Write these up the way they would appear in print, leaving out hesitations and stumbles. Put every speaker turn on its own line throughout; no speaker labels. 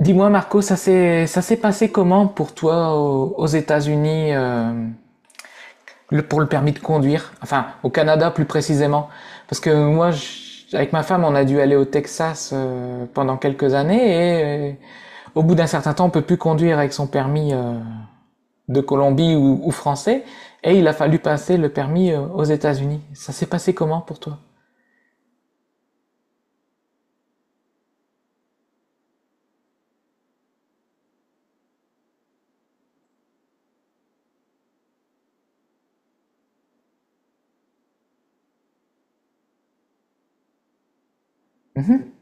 Dis-moi Marco, ça s'est passé comment pour toi aux États-Unis, pour le permis de conduire, enfin au Canada plus précisément, parce que moi avec ma femme on a dû aller au Texas pendant quelques années et au bout d'un certain temps on peut plus conduire avec son permis de Colombie ou français, et il a fallu passer le permis aux États-Unis. Ça s'est passé comment pour toi? Mhm.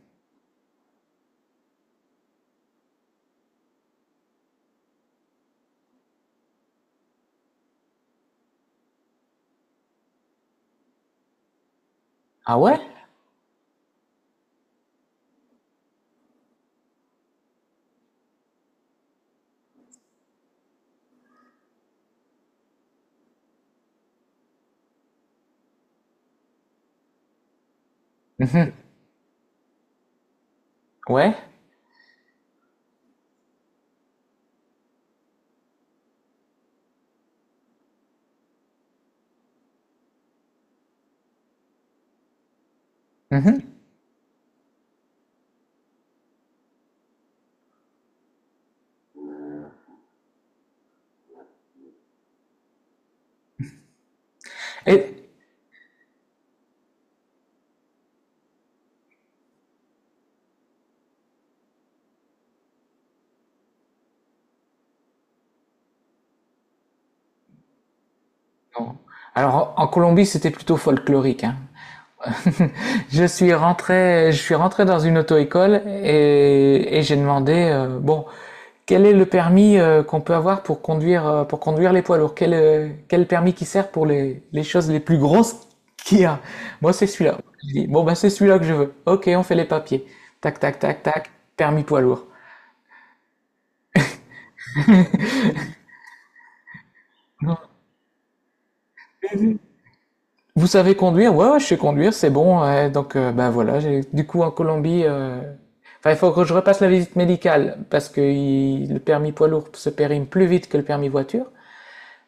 Ah ouais? Mhm. Ouais? Mhm. Et Non. Alors, en Colombie, c'était plutôt folklorique, hein. Je suis rentré dans une auto-école et j'ai demandé, bon, quel est le permis qu'on peut avoir pour conduire les poids lourds? Quel permis qui sert pour les choses les plus grosses qu'il y a? Moi, c'est celui-là. Il dit, bon, ben c'est celui-là que je veux. Ok, on fait les papiers. Tac, tac, tac, tac, permis poids lourd. Vous savez conduire? Ouais, ouais, je sais conduire, c'est bon. Ouais. Donc, ben voilà, j'ai, du coup, en Colombie, enfin, il faut que je repasse la visite médicale parce que le permis poids lourd se périme plus vite que le permis voiture.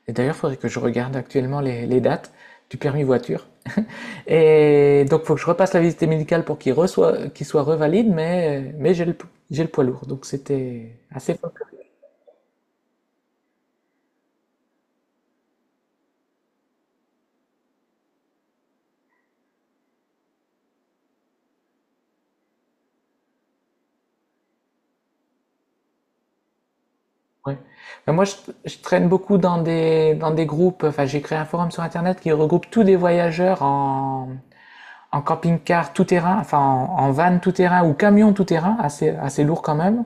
Et d'ailleurs, il faudrait que je regarde actuellement les dates du permis voiture. Et donc, il faut que je repasse la visite médicale pour qu'il reçoit, qu'il soit revalide, mais j'ai le poids lourd. Donc, c'était assez fort. Ouais. Ben moi, je traîne beaucoup dans des groupes. Enfin, j'ai créé un forum sur Internet qui regroupe tous des voyageurs en camping-car tout-terrain, enfin en van tout-terrain ou camion tout-terrain, assez, assez lourd quand même,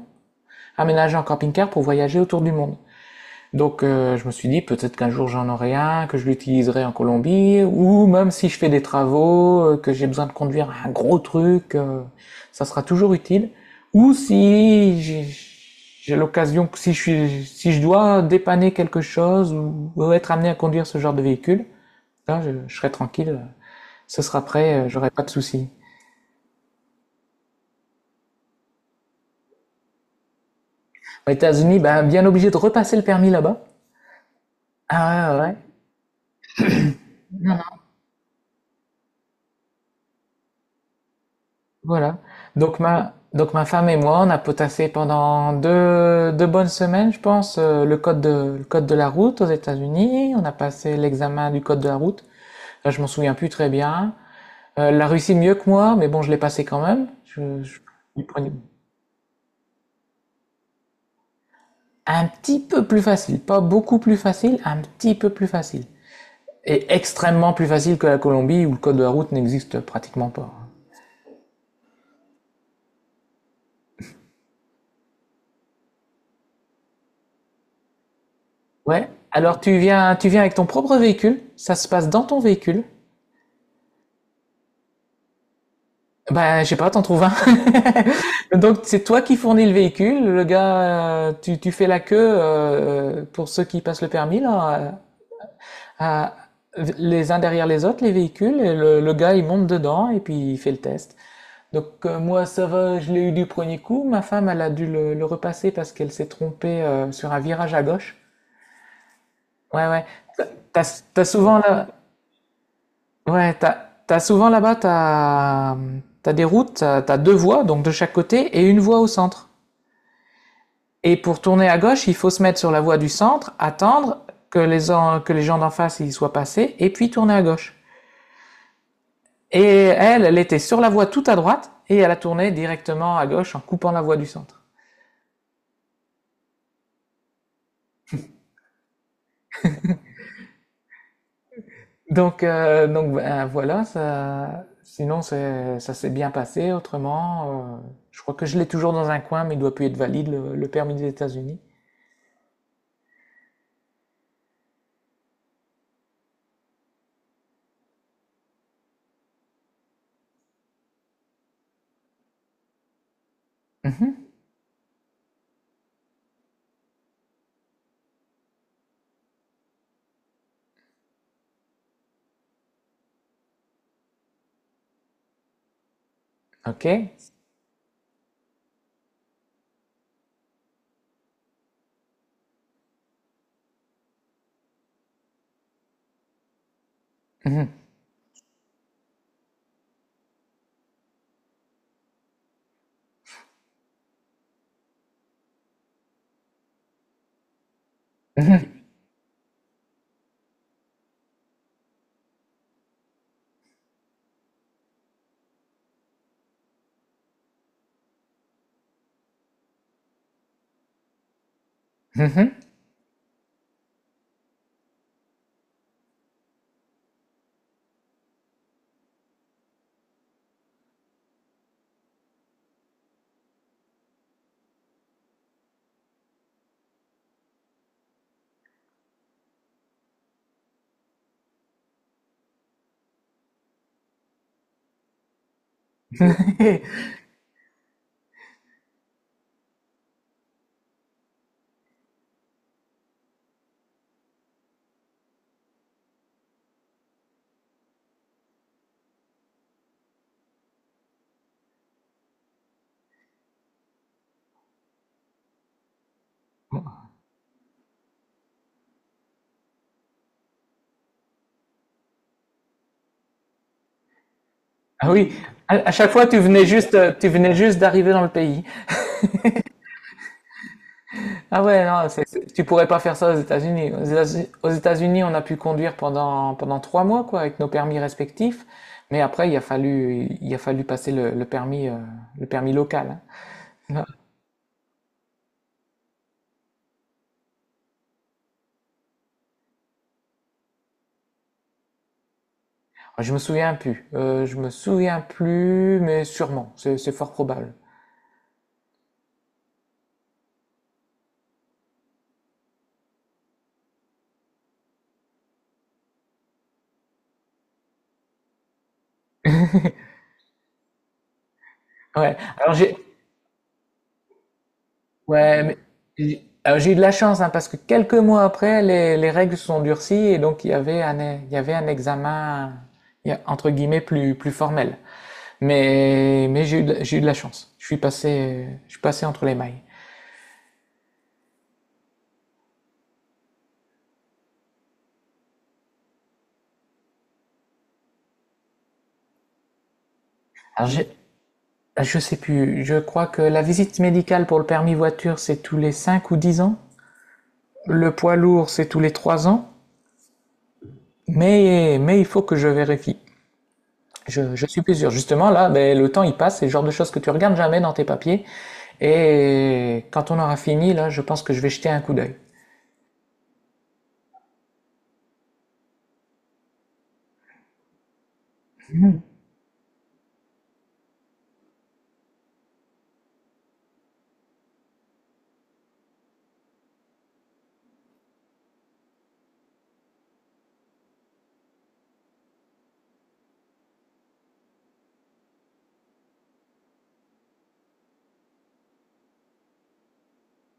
aménagé en camping-car pour voyager autour du monde. Donc je me suis dit peut-être qu'un jour j'en aurai un, que je l'utiliserai en Colombie, ou même si je fais des travaux, que j'ai besoin de conduire un gros truc, ça sera toujours utile. Ou si j'ai l'occasion, si je dois dépanner quelque chose ou être amené à conduire ce genre de véhicule, là je serai tranquille, ce sera prêt, j'aurai pas de soucis. Aux États-Unis, ben bien obligé de repasser le permis là-bas. Ah ouais, ouais. Ouais. Voilà. Donc ma femme et moi, on a potassé pendant deux bonnes semaines, je pense, le code de la route aux États-Unis. On a passé l'examen du code de la route. Là, je m'en souviens plus très bien. La Russie mieux que moi, mais bon, je l'ai passé quand même. Il prenait un petit peu plus facile, pas beaucoup plus facile, un petit peu plus facile. Et extrêmement plus facile que la Colombie où le code de la route n'existe pratiquement pas. Ouais. Alors tu viens avec ton propre véhicule, ça se passe dans ton véhicule. Bah, je sais pas, t'en trouves un. Donc, c'est toi qui fournis le véhicule, le gars, tu fais la queue pour ceux qui passent le permis, là, à- à- les uns derrière les autres, les véhicules, et le gars, il monte dedans et puis il fait le test. Donc, moi, ça va, je l'ai eu du premier coup. Ma femme, elle a dû le repasser parce qu'elle s'est trompée sur un virage à gauche. Ouais, ouais. T'as, t'as souvent là, ouais, t'as souvent là-bas, t'as des routes, t'as deux voies, donc de chaque côté, et une voie au centre. Et pour tourner à gauche, il faut se mettre sur la voie du centre, attendre que les gens d'en face y soient passés, et puis tourner à gauche. Et elle, elle était sur la voie tout à droite, et elle a tourné directement à gauche en coupant la voie du centre. Donc ben, voilà, ça, sinon ça s'est bien passé. Autrement, je crois que je l'ai toujours dans un coin, mais il doit plus être valide, le permis des États-Unis. Mhm. Ok. Mhm. Mhm. Mhm. Ah oui, à chaque fois tu venais juste d'arriver dans le pays. Ah ouais, non, tu pourrais pas faire ça aux États-Unis. Aux États-Unis, on a pu conduire pendant trois mois quoi, avec nos permis respectifs. Mais après, il a fallu passer le permis local. Hein. Je me souviens plus. Je me souviens plus, mais sûrement, c'est fort probable. Ouais. Alors j'ai Ouais, mais j'ai eu de la chance, hein, parce que quelques mois après, les règles se sont durcies, et donc il y avait il y avait un examen entre guillemets plus, plus formel. Mais j'ai eu de la chance. Je suis passé entre les mailles. Alors, je sais plus. Je crois que la visite médicale pour le permis voiture, c'est tous les 5 ou 10 ans. Le poids lourd, c'est tous les 3 ans. Mais il faut que je vérifie. Je suis plus sûr. Justement, là, ben, le temps, il passe. C'est le genre de choses que tu regardes jamais dans tes papiers. Et quand on aura fini, là, je pense que je vais jeter un coup d'œil.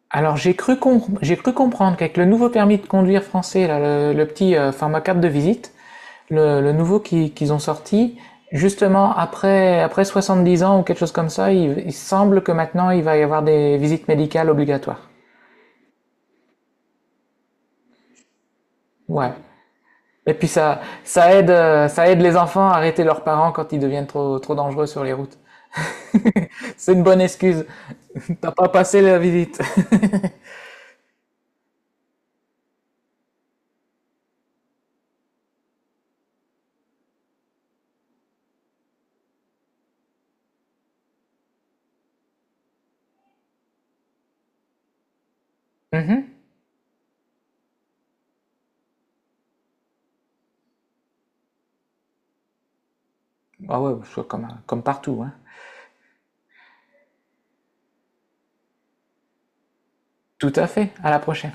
Alors, j'ai cru comprendre qu'avec le nouveau permis de conduire français, là, le petit format carte de visite, le nouveau qu'ils ont sorti, justement, après 70 ans ou quelque chose comme ça, il semble que maintenant, il va y avoir des visites médicales obligatoires. Ouais. Et puis ça, ça aide les enfants à arrêter leurs parents quand ils deviennent trop, trop dangereux sur les routes. C'est une bonne excuse. T'as pas passé la visite. Mhm. Ah ouais, je suis comme partout. Hein. Tout à fait. À la prochaine.